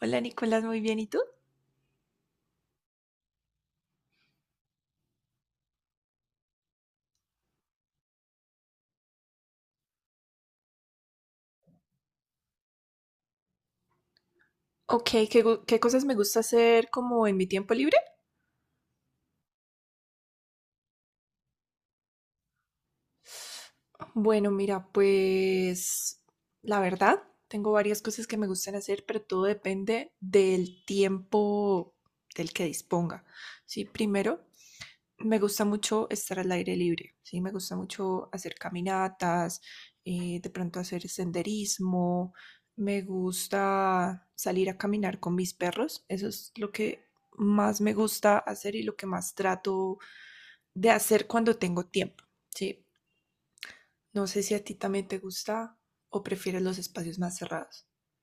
Hola Nicolás, muy bien. ¿Y tú? Ok, ¿qué cosas me gusta hacer como en mi tiempo libre? Bueno, mira, pues la verdad, tengo varias cosas que me gustan hacer, pero todo depende del tiempo del que disponga. Sí, primero, me gusta mucho estar al aire libre, ¿sí? Me gusta mucho hacer caminatas, de pronto hacer senderismo, me gusta salir a caminar con mis perros, eso es lo que más me gusta hacer y lo que más trato de hacer cuando tengo tiempo, ¿sí? No sé si a ti también te gusta o prefieres los espacios más cerrados.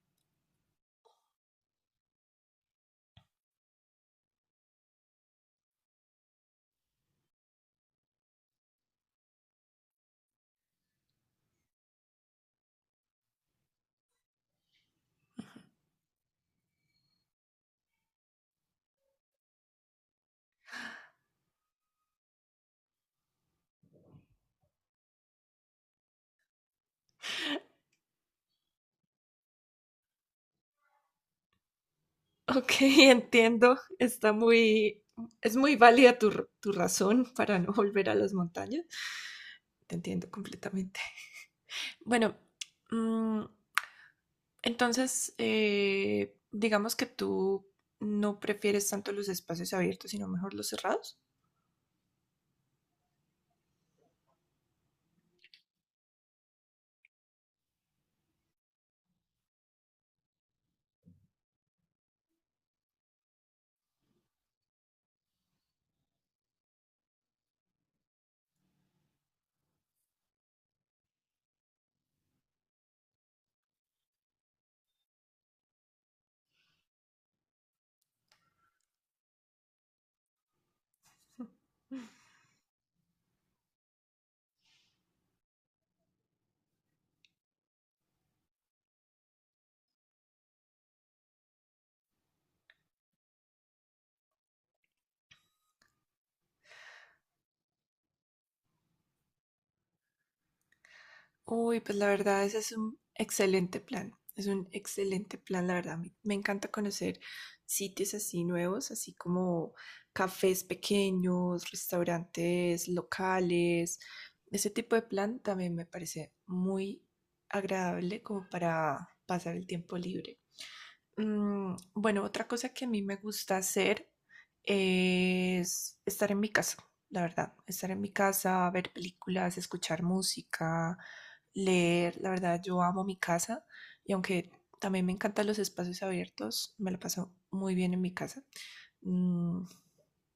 Ok, entiendo, está muy, es muy válida tu, tu razón para no volver a las montañas, te entiendo completamente. Bueno, mm, entonces, digamos que tú no prefieres tanto los espacios abiertos, sino mejor los cerrados. Uy, pues la verdad, ese es un excelente plan. Es un excelente plan, la verdad. Me encanta conocer sitios así nuevos, así como cafés pequeños, restaurantes locales. Ese tipo de plan también me parece muy agradable como para pasar el tiempo libre. Bueno, otra cosa que a mí me gusta hacer es estar en mi casa, la verdad. Estar en mi casa, ver películas, escuchar música, leer. La verdad, yo amo mi casa y aunque también me encantan los espacios abiertos, me la paso muy bien en mi casa. Mm,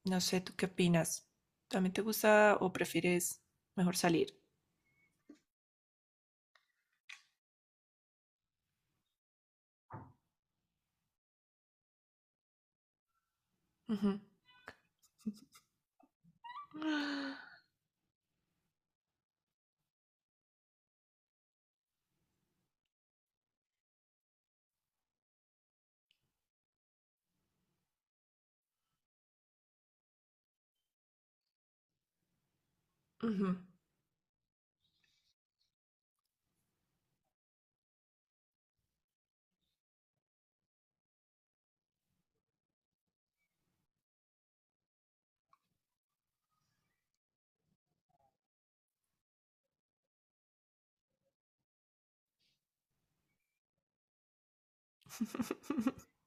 no sé, ¿tú qué opinas? ¿También te gusta o prefieres mejor salir? Ujú. Ujú.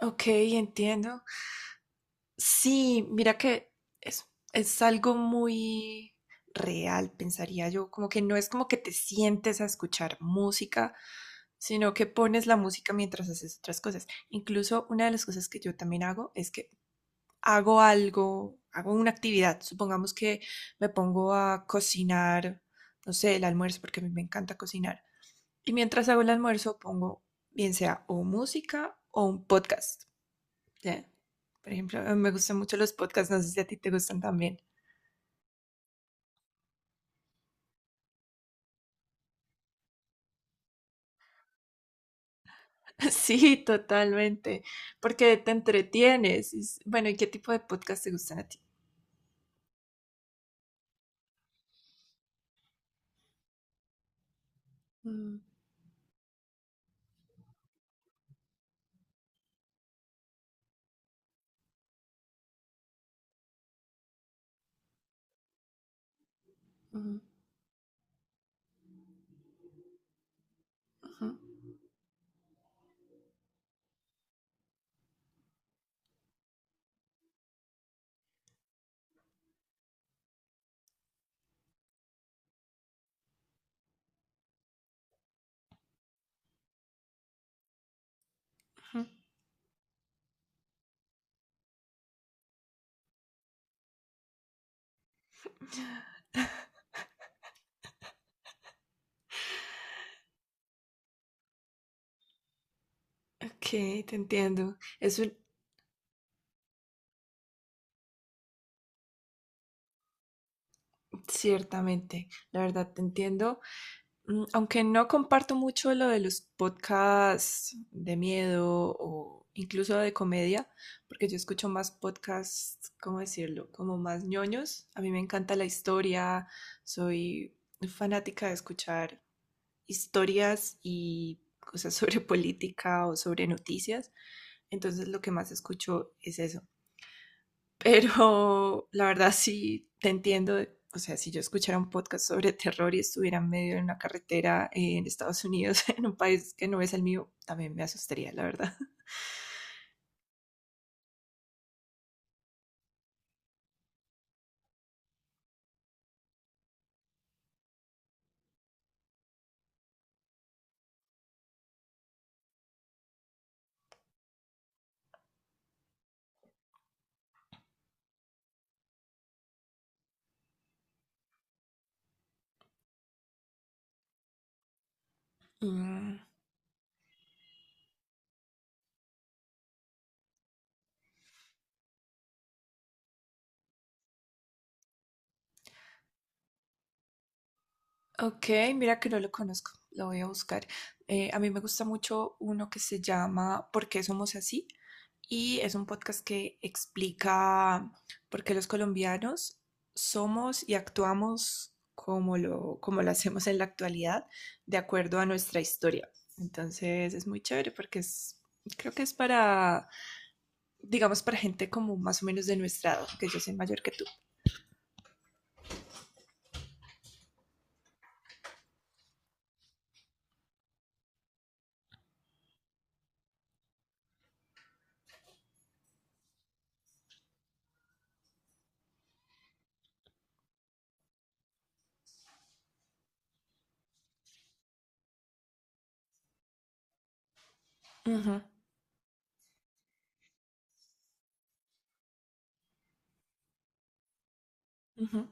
Ok, entiendo. Sí, mira que es, es algo muy real, pensaría yo, como que no es como que te sientes a escuchar música, sino que pones la música mientras haces otras cosas. Incluso una de las cosas que yo también hago es que hago algo, hago una actividad, supongamos que me pongo a cocinar, no sé, el almuerzo, porque a mí me encanta cocinar, y mientras hago el almuerzo pongo bien sea o música o un podcast. Ya. Por ejemplo, me gustan mucho los podcasts, no sé si a ti te gustan también. Sí, totalmente, porque te entretienes. Es- Bueno, ¿y qué tipo de podcasts te gustan a ti? Mm, ujú, ujú, ujú. Ok, te entiendo. Es un- ciertamente, la verdad te entiendo. Mm, aunque no comparto mucho lo de los podcasts de miedo o incluso de comedia, porque yo escucho más podcasts, ¿cómo decirlo? Como más ñoños. A mí me encanta la historia, soy fanática de escuchar historias y cosas sobre política o sobre noticias. Entonces lo que más escucho es eso. Pero la verdad sí te entiendo. O sea, si yo escuchara un podcast sobre terror y estuviera en medio de una carretera en Estados Unidos, en un país que no es el mío, también me asustaría, la verdad. Mm. Ok, mira que no lo conozco, lo voy a buscar. A mí me gusta mucho uno que se llama ¿Por qué somos así? Y es un podcast que explica por qué los colombianos somos y actuamos como lo hacemos en la actualidad, de acuerdo a nuestra historia. Entonces es muy chévere porque es, creo que es para, digamos, para gente como más o menos de nuestra edad, que yo soy mayor que tú. Ujú, ujú,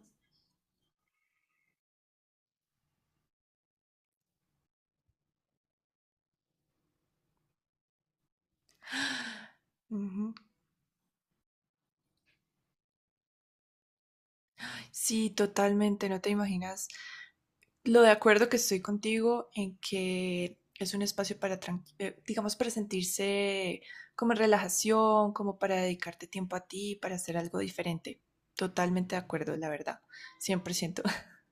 ujú. Sí, totalmente, no te imaginas lo de acuerdo que estoy contigo en que es un espacio para, digamos, para sentirse como en relajación, como para dedicarte tiempo a ti, para hacer algo diferente. Totalmente de acuerdo, la verdad. 100%.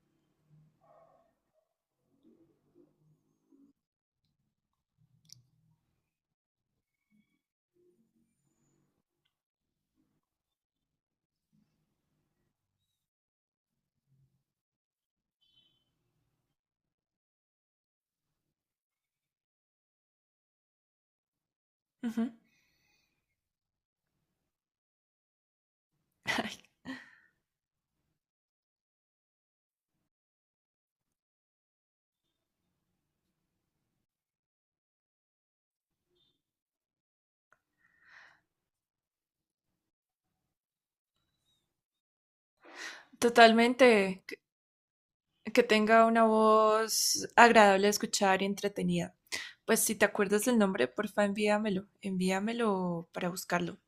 Ujú. Ay, totalmente. Que tenga una voz agradable de escuchar y entretenida. Pues si te acuerdas del nombre, porfa, envíamelo. Envíamelo para buscarlo.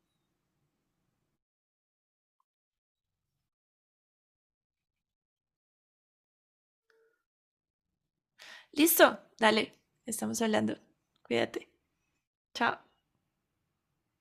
Listo, dale. Estamos hablando. Cuídate. Chao.